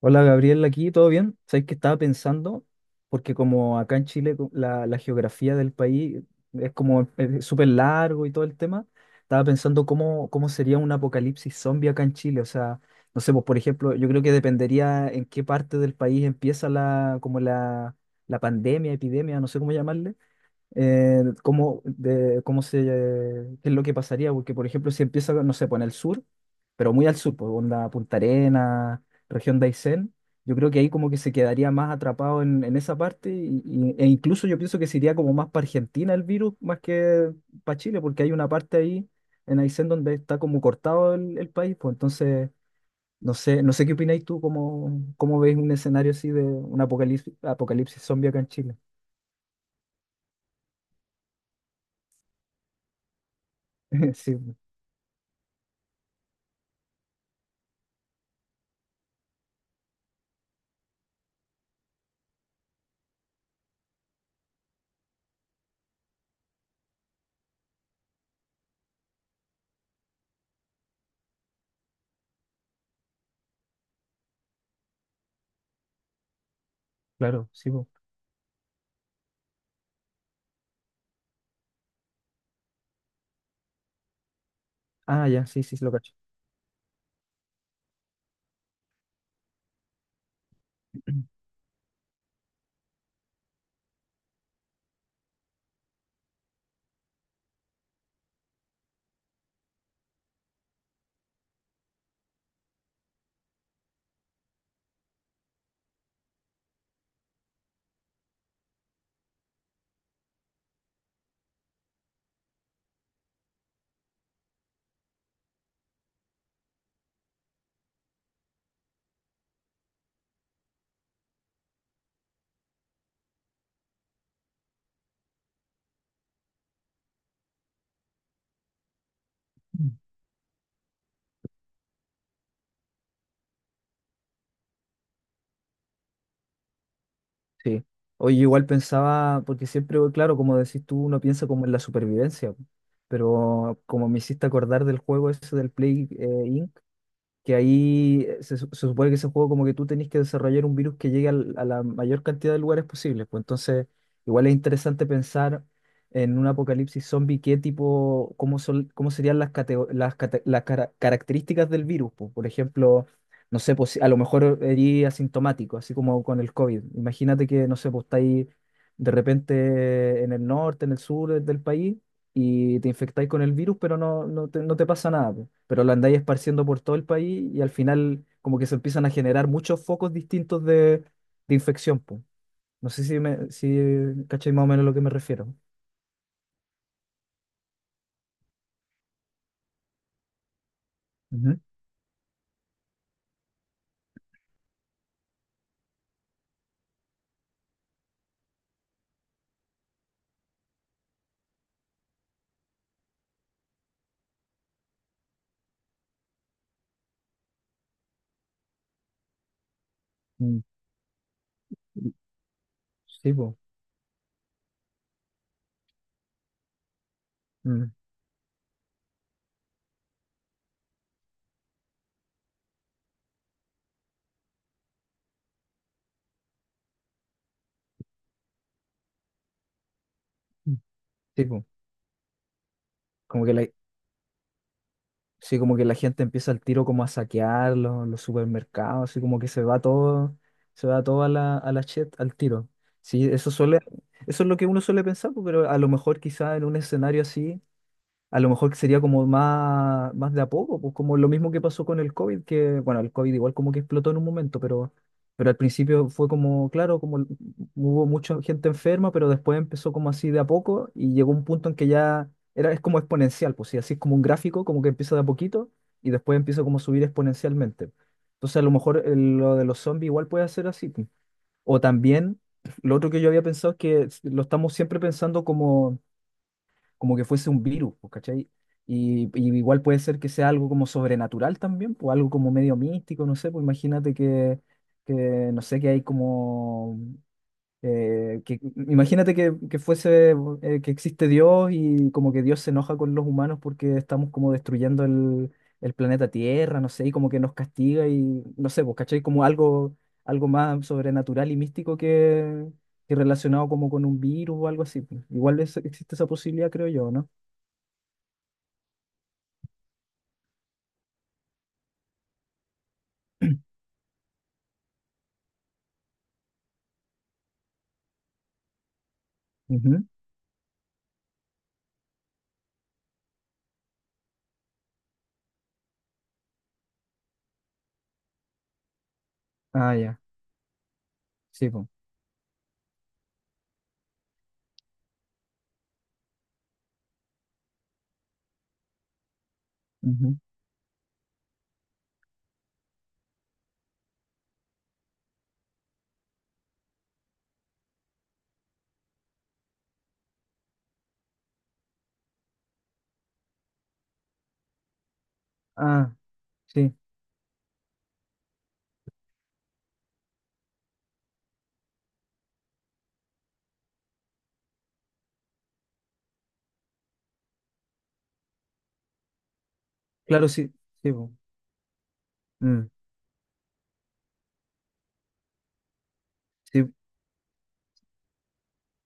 Hola Gabriel, aquí, ¿todo bien? Sabes que estaba pensando, porque como acá en Chile la geografía del país es como súper largo y todo el tema. Estaba pensando cómo sería un apocalipsis zombie acá en Chile. O sea, no sé, pues por ejemplo, yo creo que dependería en qué parte del país empieza la pandemia, epidemia, no sé cómo llamarle cómo, de, cómo se, qué es lo que pasaría, porque por ejemplo si empieza, no sé, pues en el sur, pero muy al sur, pues onda Punta Arenas, región de Aysén, yo creo que ahí como que se quedaría más atrapado en esa parte e incluso yo pienso que se iría como más para Argentina el virus, más que para Chile, porque hay una parte ahí en Aysén donde está como cortado el país, pues entonces... No sé, no sé qué opináis tú, cómo veis un escenario así de un apocalipsis zombie acá en Chile. Sí, claro, sí. Ah, ya, sí, sí, sí, lo cacho. Sí. Oye, igual pensaba, porque siempre, claro, como decís tú, uno piensa como en la supervivencia, po. Pero como me hiciste acordar del juego ese del Play Inc., que ahí se supone que ese juego como que tú tenés que desarrollar un virus que llegue a la mayor cantidad de lugares posibles. Pues entonces, igual es interesante pensar en un apocalipsis zombie, qué tipo, cómo son, cómo serían las, catego- las, cate- las cara- características del virus, pues. Por ejemplo, no sé, pues, a lo mejor eres asintomático, así como con el COVID. Imagínate que, no sé, pues está ahí de repente en el norte, en el sur del país y te infectáis con el virus, pero no te pasa nada, po. Pero lo andáis esparciendo por todo el país y al final como que se empiezan a generar muchos focos distintos de infección, po. No sé si cacháis más o menos a lo que me refiero. Ujú. Mm. Sí, po. Mm. Mm. Sí, po. Como que la, sí, como que la gente empieza al tiro como a saquear los supermercados, así como que se va todo a a la chet al tiro. Sí, eso suele, eso es lo que uno suele pensar, po, pero a lo mejor quizá en un escenario así a lo mejor sería como más de a poco, pues como lo mismo que pasó con el COVID, que bueno, el COVID igual como que explotó en un momento, pero al principio fue como, claro, como hubo mucha gente enferma, pero después empezó como así de a poco y llegó un punto en que ya es como exponencial, pues sí, así es como un gráfico, como que empieza de a poquito y después empieza como a subir exponencialmente. Entonces a lo mejor lo de los zombies igual puede ser así, pues. O también, lo otro que yo había pensado es que lo estamos siempre pensando como como que fuese un virus, pues, ¿cachai? Y igual puede ser que sea algo como sobrenatural también, pues algo como medio místico, no sé, pues imagínate que no sé, que hay como, eh, que, imagínate que fuese, que existe Dios y como que Dios se enoja con los humanos porque estamos como destruyendo el planeta Tierra, no sé, y como que nos castiga y, no sé, pues, ¿cachai? Como algo, algo más sobrenatural y místico que relacionado como con un virus o algo así, pues. Igual existe esa posibilidad, creo yo, ¿no? Ujú. Ah, ya, sí, po. Ujú. Ah, sí, claro, sí, sí, po. Mm, sí,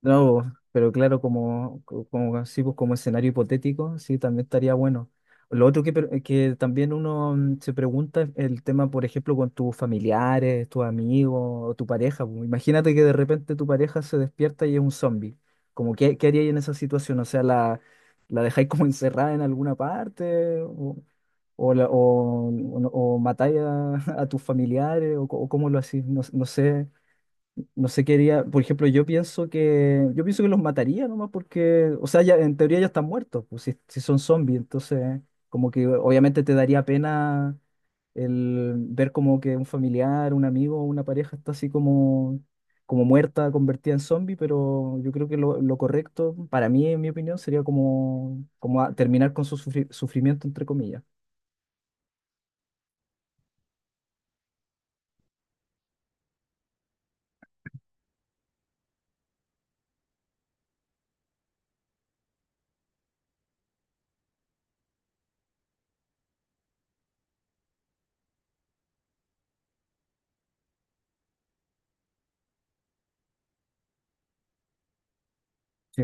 no, po, pero claro, sí, pues, como escenario hipotético, sí, también estaría bueno. Lo otro que también uno se pregunta es el tema, por ejemplo, con tus familiares, tus amigos o tu pareja, po. Imagínate que de repente tu pareja se despierta y es un zombie. Como, qué haríais en esa situación. O sea, ¿la, la dejáis como encerrada en alguna parte? O, la- o no- ¿O matáis a, a tus familiares o cómo lo hacéis? No, no sé, no sé qué haría. Por ejemplo, yo pienso que los mataría nomás porque, o sea, ya en teoría ya están muertos, pues si, si son zombies, entonces como que obviamente te daría pena el ver como que un familiar, un amigo, una pareja está así como como muerta, convertida en zombie, pero yo creo que lo correcto, para mí, en mi opinión, sería como, como terminar con su sufrimiento, entre comillas. Sí,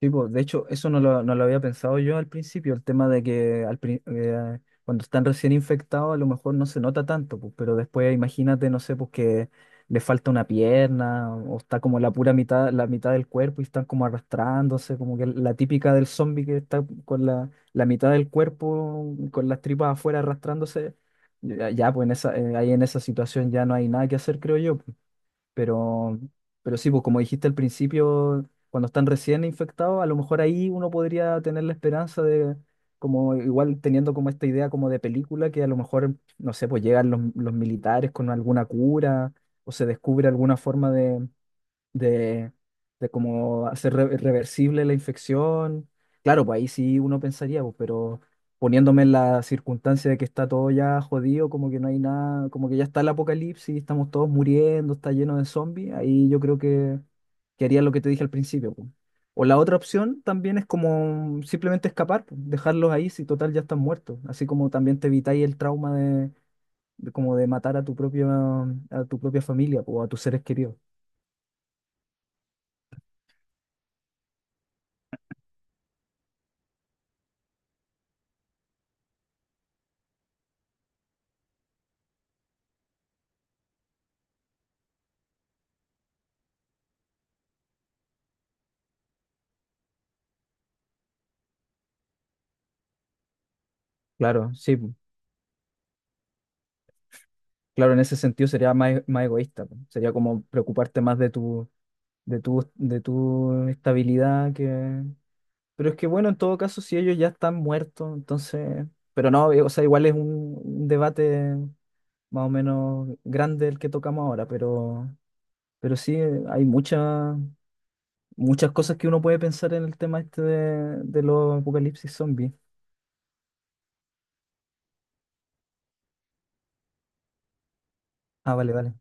sí, pues, de hecho, eso no no lo había pensado yo al principio, el tema de que cuando están recién infectados a lo mejor no se nota tanto, pues, pero después imagínate, no sé, pues que le falta una pierna o está como la pura mitad, la mitad del cuerpo y están como arrastrándose, como que la típica del zombie que está con la mitad del cuerpo, con las tripas afuera arrastrándose, ya, ya, pues en ahí en esa situación ya no hay nada que hacer, creo yo. Pero, pero sí, pues como dijiste al principio, cuando están recién infectados, a lo mejor ahí uno podría tener la esperanza de, como igual teniendo como esta idea como de película, que a lo mejor, no sé, pues llegan los militares con alguna cura o se descubre alguna forma de, de cómo hacer reversible la infección. Claro, pues ahí sí uno pensaría, pues, pero poniéndome en la circunstancia de que está todo ya jodido, como que no hay nada, como que ya está el apocalipsis, estamos todos muriendo, está lleno de zombies, ahí yo creo que haría lo que te dije al principio, pues. O la otra opción también es como simplemente escapar, pues, dejarlos ahí si total ya están muertos, así como también te evitáis el trauma de como de matar a a tu propia familia, pues, o a tus seres queridos. Claro, sí. Claro, en ese sentido sería más, más egoísta, po. Sería como preocuparte más de de tu estabilidad que... Pero es que bueno, en todo caso, si ellos ya están muertos, entonces... Pero no, o sea, igual es un debate más o menos grande el que tocamos ahora, pero sí, hay muchas cosas que uno puede pensar en el tema este de los apocalipsis zombies. Ah, vale, vale.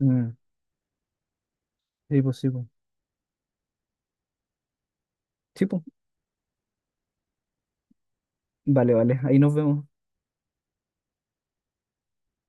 Mm, sí, pues sí, pues. Sí, pues. Vale, vale. Ahí nos vemos.